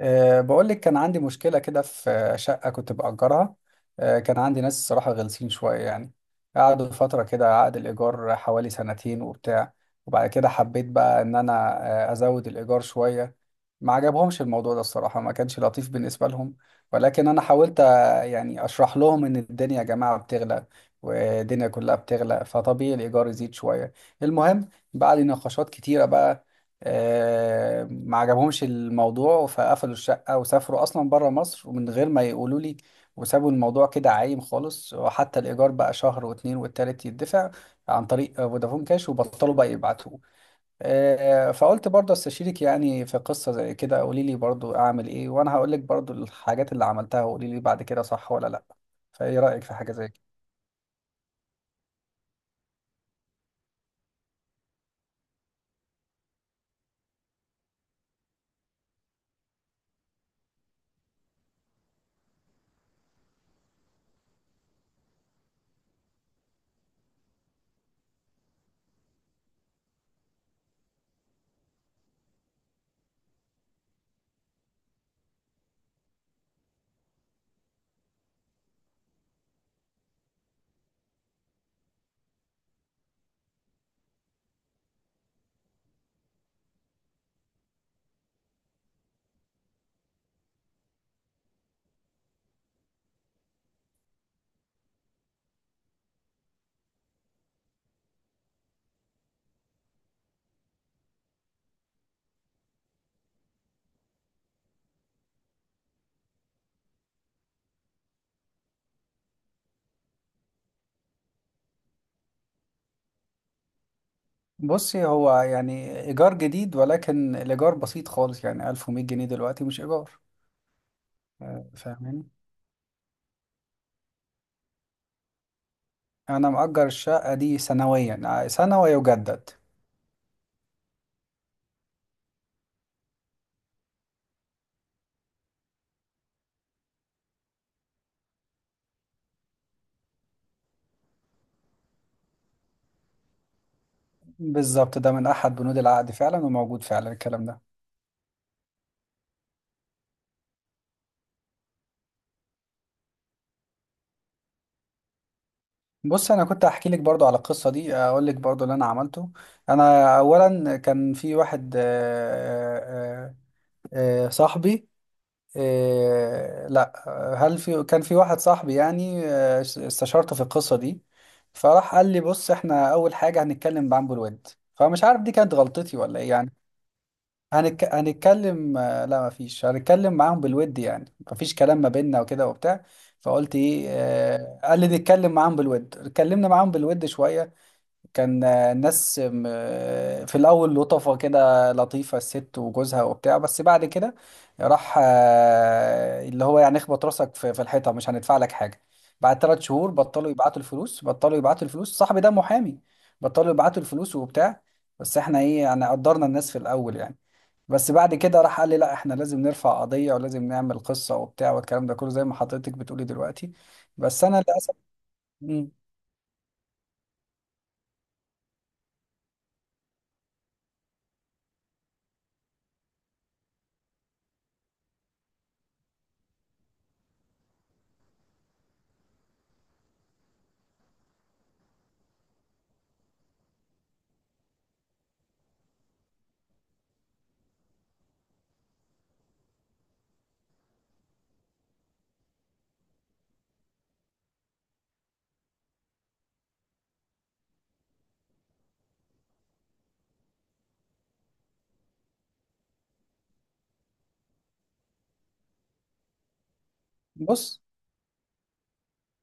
بقول لك كان عندي مشكلة كده في شقة كنت بأجرها. كان عندي ناس الصراحة غلسين شوية يعني. قعدوا فترة كده، عقد الإيجار حوالي سنتين وبتاع. وبعد كده حبيت بقى إن أنا أزود الإيجار شوية. ما عجبهمش الموضوع ده، الصراحة ما كانش لطيف بالنسبة لهم. ولكن أنا حاولت يعني أشرح لهم إن الدنيا يا جماعة بتغلى، والدنيا كلها بتغلى، فطبيعي الإيجار يزيد شوية. المهم، بعد نقاشات كتيرة بقى، ما عجبهمش الموضوع، فقفلوا الشقة وسافروا أصلا بره مصر ومن غير ما يقولوا لي. وسابوا الموضوع كده عايم خالص، وحتى الإيجار بقى شهر واتنين والتالت يدفع عن طريق فودافون كاش، وبطلوا بقى يبعتوه. فقلت برضه استشيرك يعني في قصة زي كده، قولي لي برضه أعمل إيه، وأنا هقول لك برضه الحاجات اللي عملتها وقولي لي بعد كده صح ولا لأ. فإيه رأيك في حاجة زي كده؟ بصي، هو يعني إيجار جديد ولكن الإيجار بسيط خالص، يعني 1100 جنيه دلوقتي، مش إيجار. فاهمين. انا مأجر الشقة دي سنويا، سنة ويجدد. بالظبط، ده من احد بنود العقد فعلا، وموجود فعلا الكلام ده. بص، انا كنت احكي لك برضو على القصة دي، اقول لك برضو اللي انا عملته. انا اولا كان في واحد صاحبي، لا، هل في، كان في واحد صاحبي يعني استشارته في القصة دي. فراح قال لي بص احنا اول حاجة هنتكلم بعنبر الود. فمش عارف دي كانت غلطتي ولا ايه يعني. هنتكلم، لا مفيش، هنتكلم معاهم بالود يعني، مفيش كلام ما بيننا وكده وبتاع. فقلت ايه، قال لي نتكلم معاهم بالود، اتكلمنا معاهم بالود شوية. كان الناس في الأول لطفة كده، لطيفة الست وجوزها وبتاع، بس بعد كده راح اللي هو يعني اخبط راسك في الحيطة، مش هندفع لك حاجة. بعد 3 شهور بطلوا يبعتوا الفلوس، بطلوا يبعتوا الفلوس، صاحبي ده محامي. بطلوا يبعتوا الفلوس وبتاع. بس احنا ايه يعني، قدرنا الناس في الأول يعني. بس بعد كده راح قال لي لا احنا لازم نرفع قضية ولازم نعمل قصة وبتاع والكلام ده كله، زي ما حضرتك بتقولي دلوقتي. بس انا للاسف. مم. بص.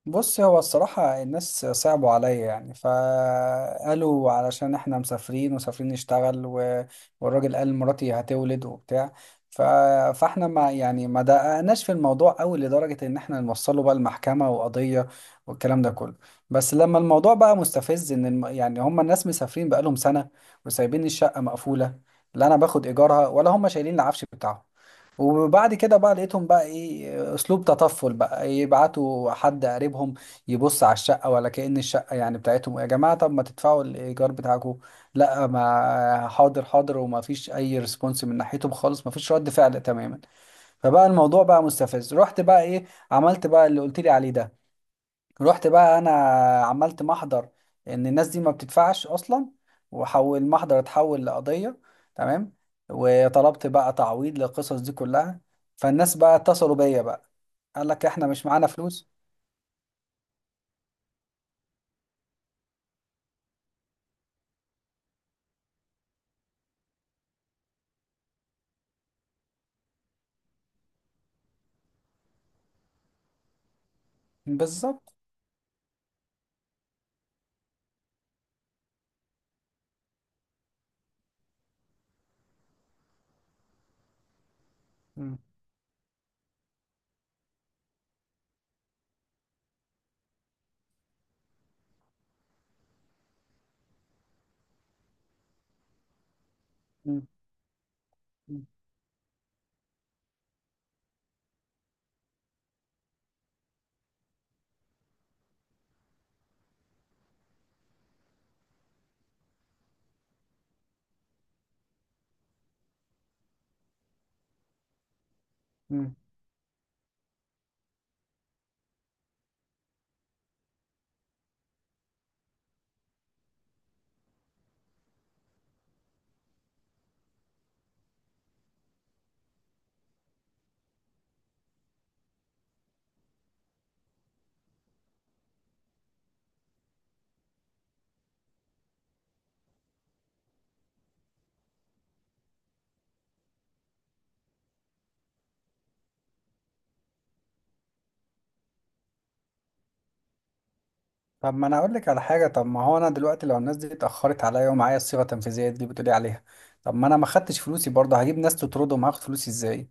بص، هو الصراحة الناس صعبوا عليا يعني، فقالوا علشان احنا مسافرين، ومسافرين نشتغل، و... والراجل قال مراتي هتولد وبتاع. ف... فاحنا ما يعني ما دققناش في الموضوع قوي لدرجة ان احنا نوصله بقى المحكمة وقضية، والكلام ده كله. بس لما الموضوع بقى مستفز، ان يعني هم الناس مسافرين بقالهم سنة وسايبين الشقة مقفولة، لا انا باخد ايجارها ولا هم شايلين العفش بتاعهم. وبعد كده بقى لقيتهم بقى ايه، اسلوب تطفل بقى، يبعتوا حد قريبهم يبص على الشقه، ولا كأن الشقه يعني بتاعتهم. يا جماعه، طب ما تدفعوا الايجار بتاعكم، لا. ما حاضر حاضر وما فيش اي ريسبونس من ناحيتهم خالص، ما فيش رد فعل تماما. فبقى الموضوع بقى مستفز، رحت بقى ايه، عملت بقى اللي قلت لي عليه ده. رحت بقى انا عملت محضر ان الناس دي ما بتدفعش اصلا، وحول المحضر اتحول لقضية. تمام. وطلبت بقى تعويض للقصص دي كلها. فالناس بقى اتصلوا بيا بقى. قال لك احنا مش معانا فلوس. بالظبط. مم. مم. مم. مم. طب ما انا اقول لك على حاجة، طب ما هو انا دلوقتي لو الناس دي اتأخرت عليا ومعايا الصيغة التنفيذية دي بتقولي عليها، طب ما انا ما خدتش فلوسي برضه، هجيب ناس تطردهم، هاخد فلوسي ازاي؟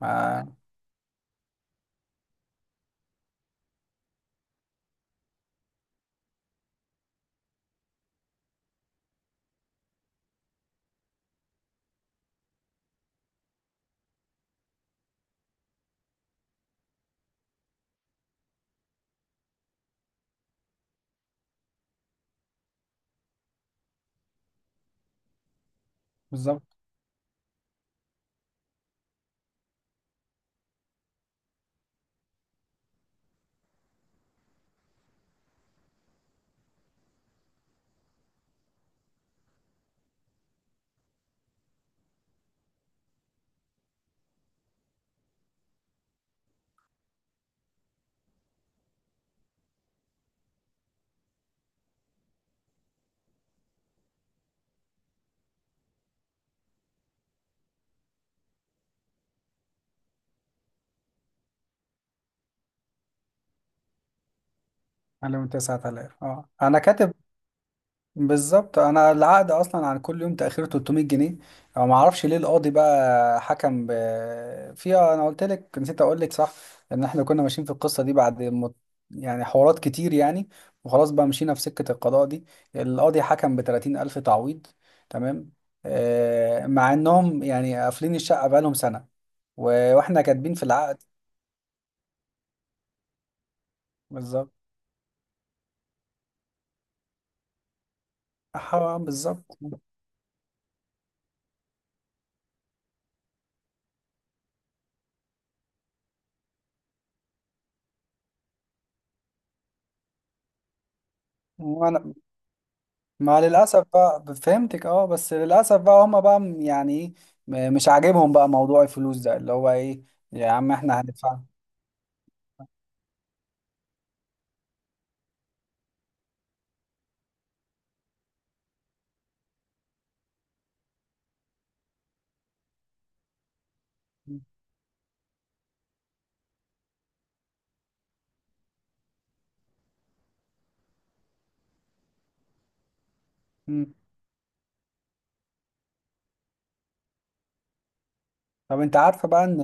ما بالظبط. عليهم 9000، اه انا كاتب. بالظبط، انا العقد اصلا عن كل يوم تاخير 300 جنيه، او ما اعرفش ليه القاضي بقى حكم فيها. انا قلت لك، نسيت اقول لك، صح، ان احنا كنا ماشيين في القصه دي بعد يعني حوارات كتير يعني. وخلاص بقى مشينا في سكه القضاء دي، القاضي حكم ب 30 الف تعويض. تمام. مع انهم يعني قافلين الشقه بقالهم سنه، و... واحنا كاتبين في العقد. بالظبط. حرام، بالظبط. وانا، مع للأسف بقى، فهمتك، اه، بس للأسف بقى هما بقى يعني ايه، مش عاجبهم بقى موضوع الفلوس ده اللي هو ايه. يا عم، احنا هندفع. مم. طب، انت عارفة بقى ان،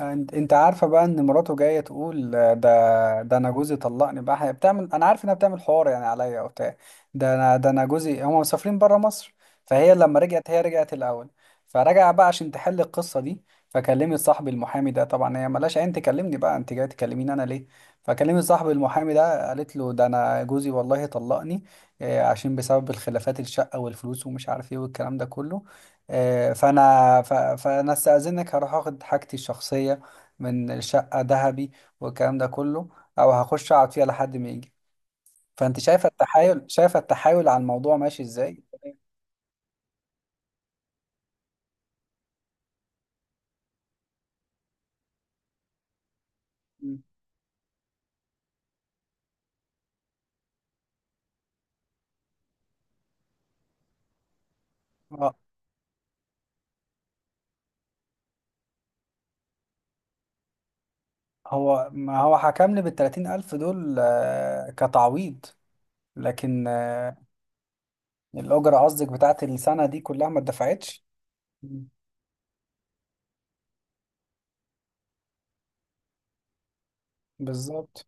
انت عارفه بقى ان مراته جايه تقول ده انا جوزي طلقني بقى، هي بتعمل، انا عارف انها بتعمل حوار يعني عليا او بتاع. ده انا جوزي هم مسافرين بره مصر. فهي لما رجعت، هي رجعت الاول، فرجع بقى عشان تحل القصه دي. فكلمت صاحبي المحامي ده، طبعا هي ملاش عين تكلمني بقى، انت جاي تكلميني انا ليه، فكلمت صاحبي المحامي ده قالت له ده انا جوزي والله طلقني، عشان بسبب الخلافات، الشقه والفلوس ومش عارف ايه والكلام ده كله. فانا فانا استاذنك هروح اخد حاجتي الشخصيه من الشقه، ذهبي والكلام ده كله، او هخش اقعد فيها لحد ما يجي. فانت شايفه التحايل، شايفه التحايل على الموضوع ماشي ازاي؟ مم. آه، هو ما هو حكم لي بالتلاتين ألف دول كتعويض. لكن الأجرة قصدك بتاعت السنة دي كلها ما اتدفعتش. مم. بالظبط.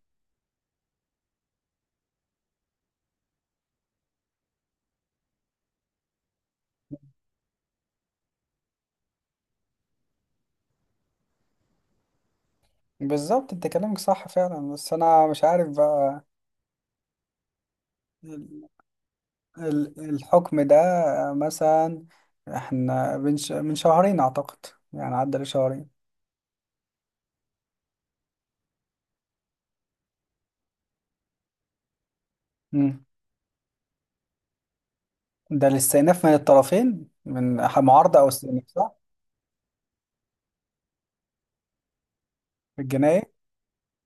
بالظبط، انت كلامك صح فعلا، بس أنا مش عارف بقى. الحكم ده مثلا، احنا من من شهرين اعتقد، يعني عدى لشهرين. مم. ده الاستئناف من الطرفين، من معارضة او استئناف، صح؟ في الجناية.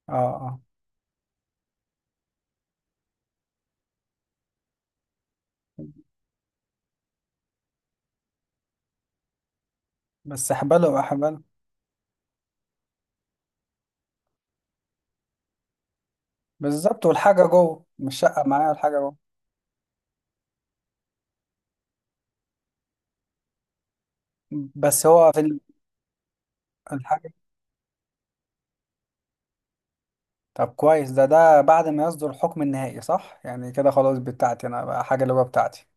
اه، اه. بس احباله احباله. بالظبط، والحاجة جوه، مش شقة معايا، الحاجة جوه. بس هو في الحاجة. طب كويس، ده بعد ما يصدر الحكم النهائي، صح؟ يعني كده خلاص بتاعتي انا بقى، حاجة اللي جوه بتاعتي.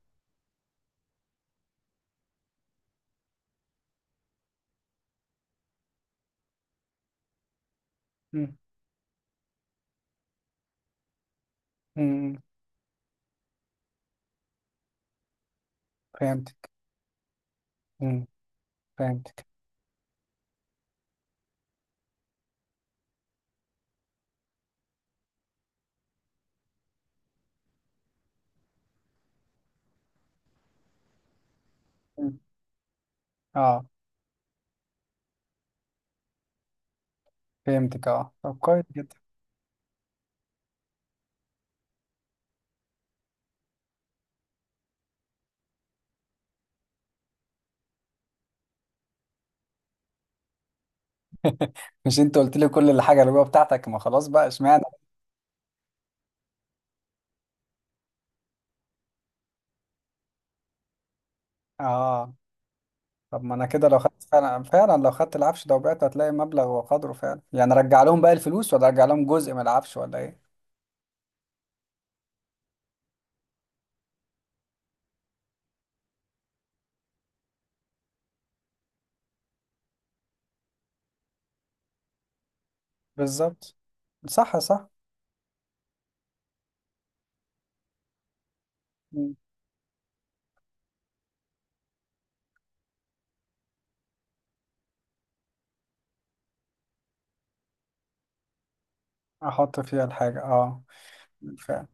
مم. مم. فهمتك. مم. فهمتك. مم. اه، فهمتك، اه، طب كويس جدا. مش انت قلت لي كل الحاجه اللي جوه بتاعتك، ما خلاص بقى، اشمعنى؟ اه، طب ما انا كده لو خدت فعلا، فعلا لو خدت العفش ده وبعته، هتلاقي مبلغ وقدره فعلا يعني، رجع لهم بقى الفلوس ولا رجع لهم جزء من العفش ولا ايه؟ بالظبط. صح، صح. مم. احط فيها الحاجه، اه. فعلا.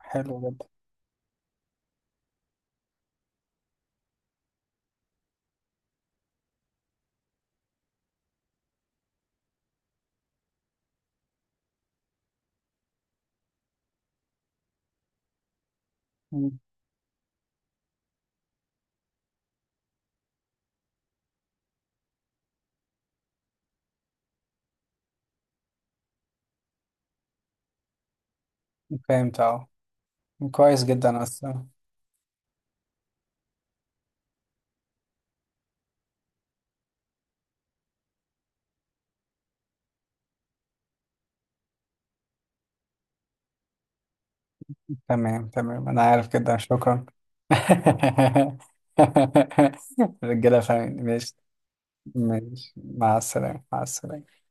حلو جدا. مم. فهمت، اه. كويس جدا اصلا. تمام، تمام، انا عارف كده، شكرا. الرجاله فاهمين، ماشي. ماشي، مع السلامه، مع السلامه.